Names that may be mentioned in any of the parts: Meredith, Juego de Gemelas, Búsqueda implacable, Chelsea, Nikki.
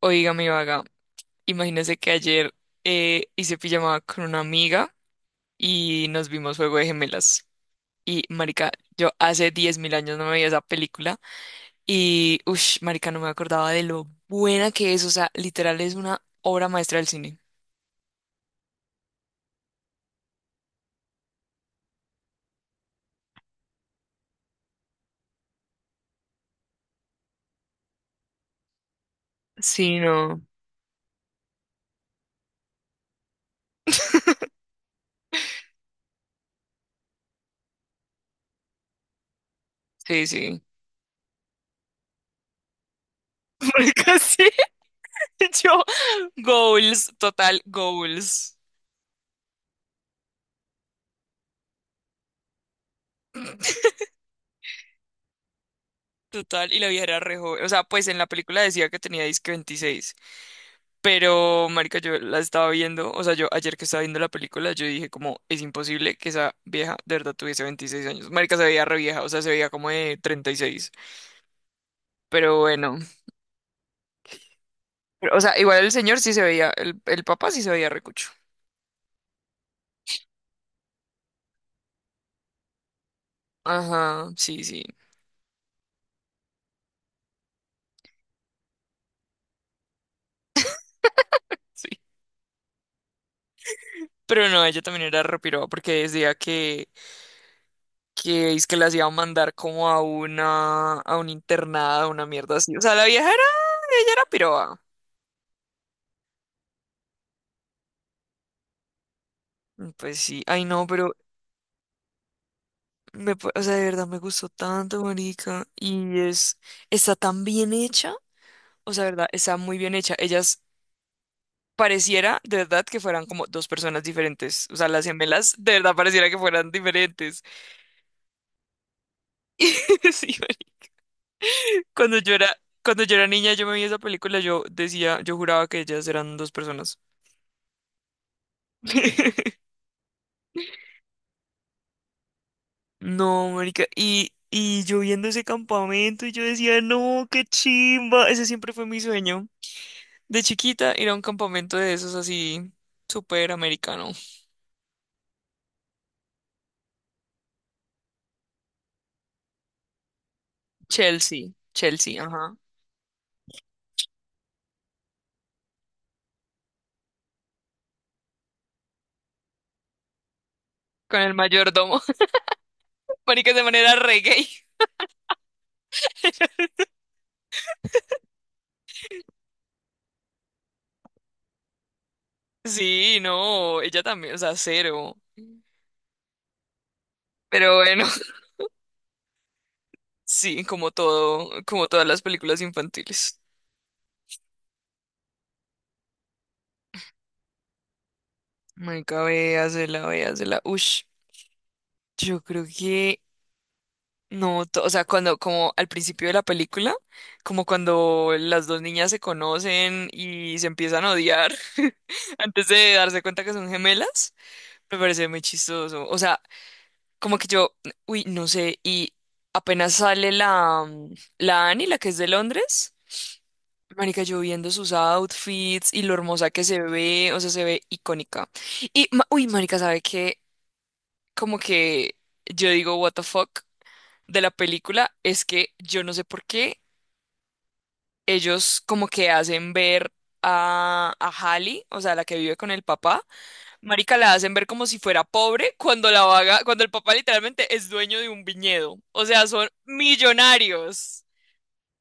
Oiga, mi vaga, imagínese que ayer hice pijamada con una amiga y nos vimos Juego de Gemelas. Y, marica, yo hace 10.000 años no veía esa película y, uff, marica, no me acordaba de lo buena que es. O sea, literal es una obra maestra del cine. Sí, no. Sí, sí. Marica, sí. Yo, goals. Total, y la vieja era re joven. O sea, pues en la película decía que tenía disque 26. Pero, marica, yo la estaba viendo, o sea, yo ayer que estaba viendo la película, yo dije como, es imposible que esa vieja de verdad tuviese 26 años. Marica, se veía re vieja, o sea, se veía como de 36. Pero bueno, pero, o sea, igual el señor sí se veía, el papá sí se veía recucho. Ajá, sí, sí, sí. Pero no, ella también era repiroba porque decía que es que las iba a mandar como a una, a un internado, una mierda así. O sea, la vieja era, ella era piroba. Pues sí, ay no, pero o sea, de verdad me gustó tanto, marica. Y es, está tan bien hecha. O sea, de verdad, está muy bien hecha. Ellas pareciera, de verdad, que fueran como dos personas diferentes. O sea, las gemelas, de verdad, pareciera que fueran diferentes. Sí, marica. Cuando yo era, cuando yo era niña, yo me vi esa película, yo decía, yo juraba que ellas eran dos personas. No, marica. Y yo viendo ese campamento, y yo decía, no, qué chimba. Ese siempre fue mi sueño. De chiquita ir a un campamento de esos así, súper americano. Chelsea, Chelsea, ajá. Con el mayordomo. Marica, de manera reggae. Sí, no, ella también, o sea, cero. Pero bueno, sí, como todo, como todas las películas infantiles. Marica, véasela, véasela. Ush, yo creo que no, o sea, cuando, como al principio de la película, como cuando las dos niñas se conocen y se empiezan a odiar antes de darse cuenta que son gemelas, me parece muy chistoso. O sea, como que yo, uy, no sé, y apenas sale la Annie, la que es de Londres, marica, yo viendo sus outfits y lo hermosa que se ve, o sea, se ve icónica. Uy, marica, ¿sabe qué? Como que yo digo, what the fuck de la película es que yo no sé por qué ellos como que hacen ver a Hallie, o sea, la que vive con el papá. Marica, la hacen ver como si fuera pobre cuando la vaga, cuando el papá literalmente es dueño de un viñedo. O sea,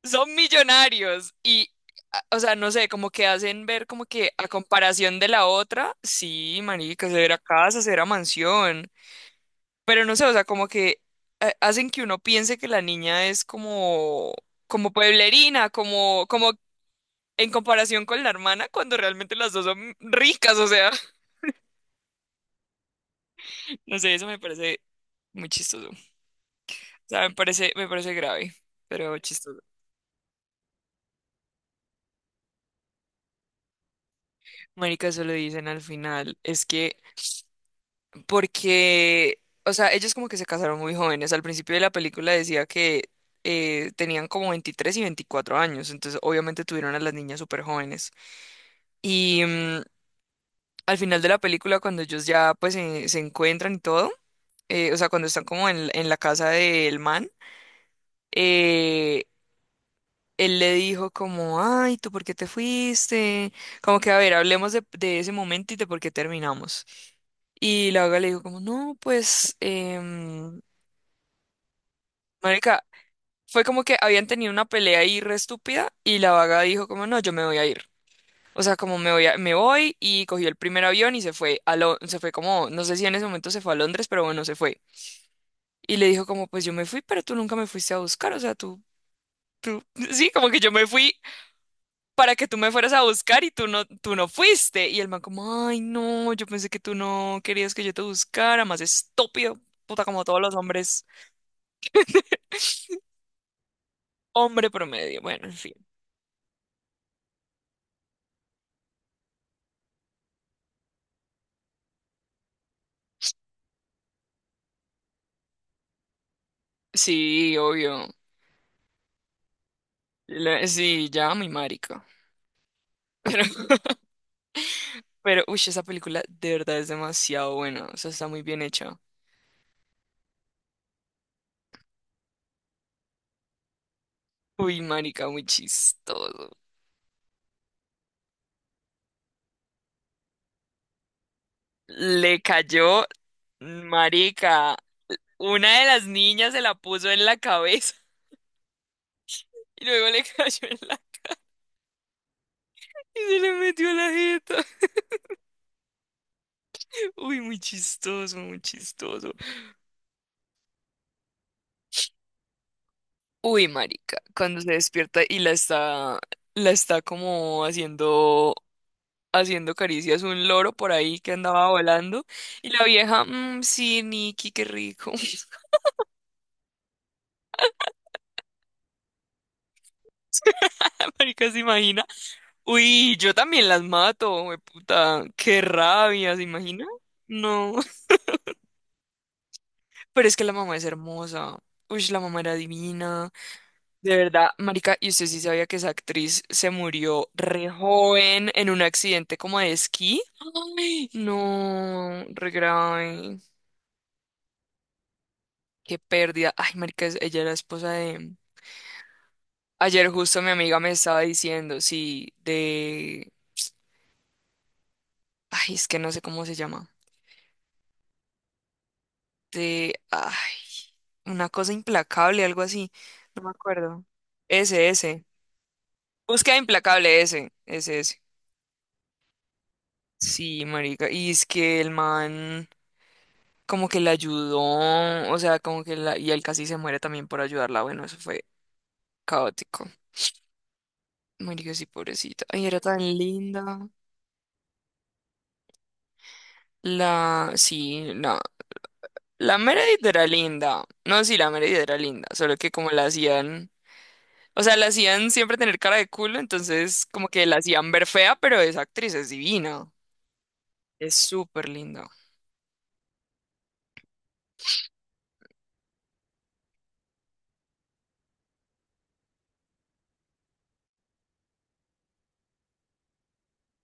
son millonarios y o sea, no sé, como que hacen ver como que a comparación de la otra, sí, marica, se verá casa, se verá mansión. Pero no sé, o sea, como que hacen que uno piense que la niña es como pueblerina, como en comparación con la hermana, cuando realmente las dos son ricas, o sea, no sé, eso me parece muy chistoso. O sea, me parece grave, pero chistoso. Marica, eso lo dicen al final, es que porque, o sea, ellos como que se casaron muy jóvenes. Al principio de la película decía que tenían como 23 y 24 años, entonces obviamente tuvieron a las niñas súper jóvenes. Y, mm, al final de la película, cuando ellos ya pues se encuentran y todo, o sea, cuando están como en la casa del man, eh, él le dijo como, ay, ¿tú por qué te fuiste? Como que, a ver, hablemos de ese momento y de por qué terminamos. Y la Vaga le dijo como, no, pues, marica, fue como que habían tenido una pelea ahí re estúpida y la vaga dijo como, no, yo me voy a ir. O sea, como me voy, me voy, y cogió el primer avión y se fue se fue como, no sé si en ese momento se fue a Londres, pero bueno, se fue. Y le dijo como, pues yo me fui, pero tú nunca me fuiste a buscar, o sea, tú, sí, como que yo me fui para que tú me fueras a buscar y tú no fuiste. Y el man como, ay, no, yo pensé que tú no querías que yo te buscara. Más estúpido, puta, como todos los hombres, hombre promedio, bueno, en fin. Sí, obvio. Sí, ya, mi marica. Pero, uy, esa película de verdad es demasiado buena. O sea, está muy bien hecha. Uy, marica, muy chistoso. Le cayó, marica. Una de las niñas se la puso en la cabeza y luego le cayó en la... Y se le metió en la jeta. Uy, muy chistoso, muy chistoso. Uy, marica, cuando se despierta y la está como haciendo caricias un loro por ahí que andaba volando. Y la vieja, "Mm, sí, Nikki, qué rico". Marica, ¿se imagina? Uy, yo también las mato, we puta. Qué rabia, ¿se imagina? No, pero es que la mamá es hermosa. Uy, la mamá era divina. De verdad, marica, y usted sí sabía que esa actriz se murió re joven en un accidente como de esquí. Ay, no, re grave. Qué pérdida. Ay, marica, ella era esposa de... Ayer justo mi amiga me estaba diciendo, sí, de... Ay, es que no sé cómo se llama. De, ay, una cosa implacable, algo así, no me acuerdo. Ese, ese. Búsqueda implacable, ese, ese, ese. Sí, marica, y es que el man como que la ayudó, o sea, como que y él casi se muere también por ayudarla. Bueno, eso fue caótico. Marica, sí, pobrecita. Ay, era tan linda. La, sí, no. La Meredith era linda. No, sí, la Meredith era linda, solo que como la hacían. O sea, la hacían siempre tener cara de culo, entonces como que la hacían ver fea, pero esa actriz es divina. Es súper linda.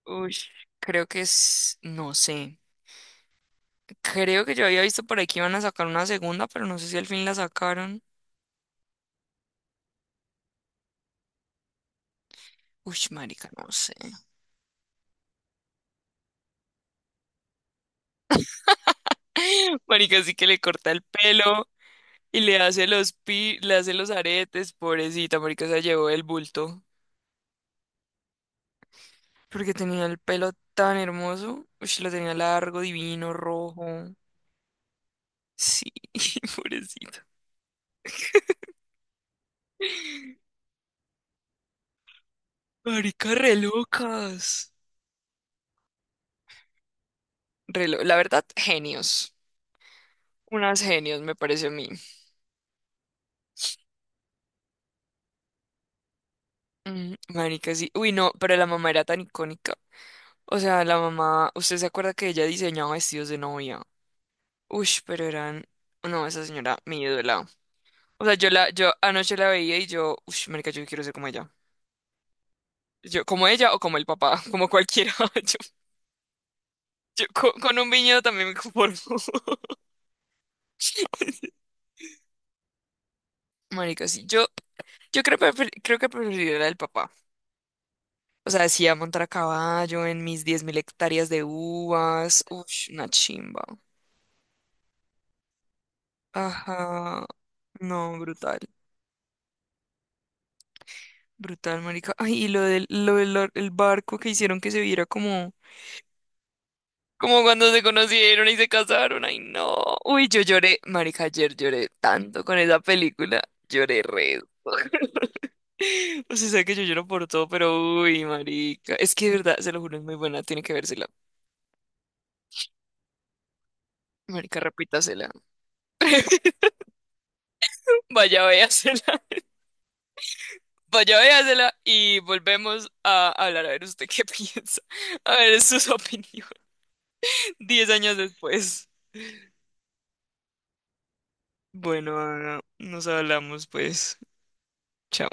Uy, creo que es, no sé. Creo que yo había visto por ahí que iban a sacar una segunda, pero no sé si al fin la sacaron. Uy, marica, no sé. Marica, sí que le corta el pelo y le hace los aretes, pobrecita, marica, se llevó el bulto. Porque tenía el pelo tan hermoso. Uy, lo tenía largo, divino, rojo. Sí, pobrecito. Marica, re locas. La verdad, genios. Unas genios, me parece a mí. Mm, marica, sí. Uy, no, pero la mamá era tan icónica. O sea, la mamá, ¿usted se acuerda que ella diseñaba vestidos de novia? Uy, pero eran. No, esa señora, mi ídola. O sea, yo anoche la veía y yo, uy, marica, yo quiero ser como ella. Yo, como ella o como el papá, como cualquiera. Yo con un viñedo también me conformo. Marica, sí. Yo creo, creo que preferiría la del papá. O sea, decía montar a caballo en mis 10.000 hectáreas de uvas. Ush, una chimba. Ajá. No, brutal. Brutal, marica. Ay, y lo del el barco que hicieron que se viera como... Como cuando se conocieron y se casaron. Ay, no. Uy, yo lloré. Marica, ayer lloré tanto con esa película. Lloré re. O sea, sabe que yo lloro por todo, pero uy, marica. Es que de verdad, se lo juro, es muy buena. Tiene que vérsela. Marica, repítasela. Vaya, véasela. Vaya, véasela y volvemos a hablar. A ver usted qué piensa. A ver sus opiniones. 10 años después. Bueno, Ana, nos hablamos pues. Chao.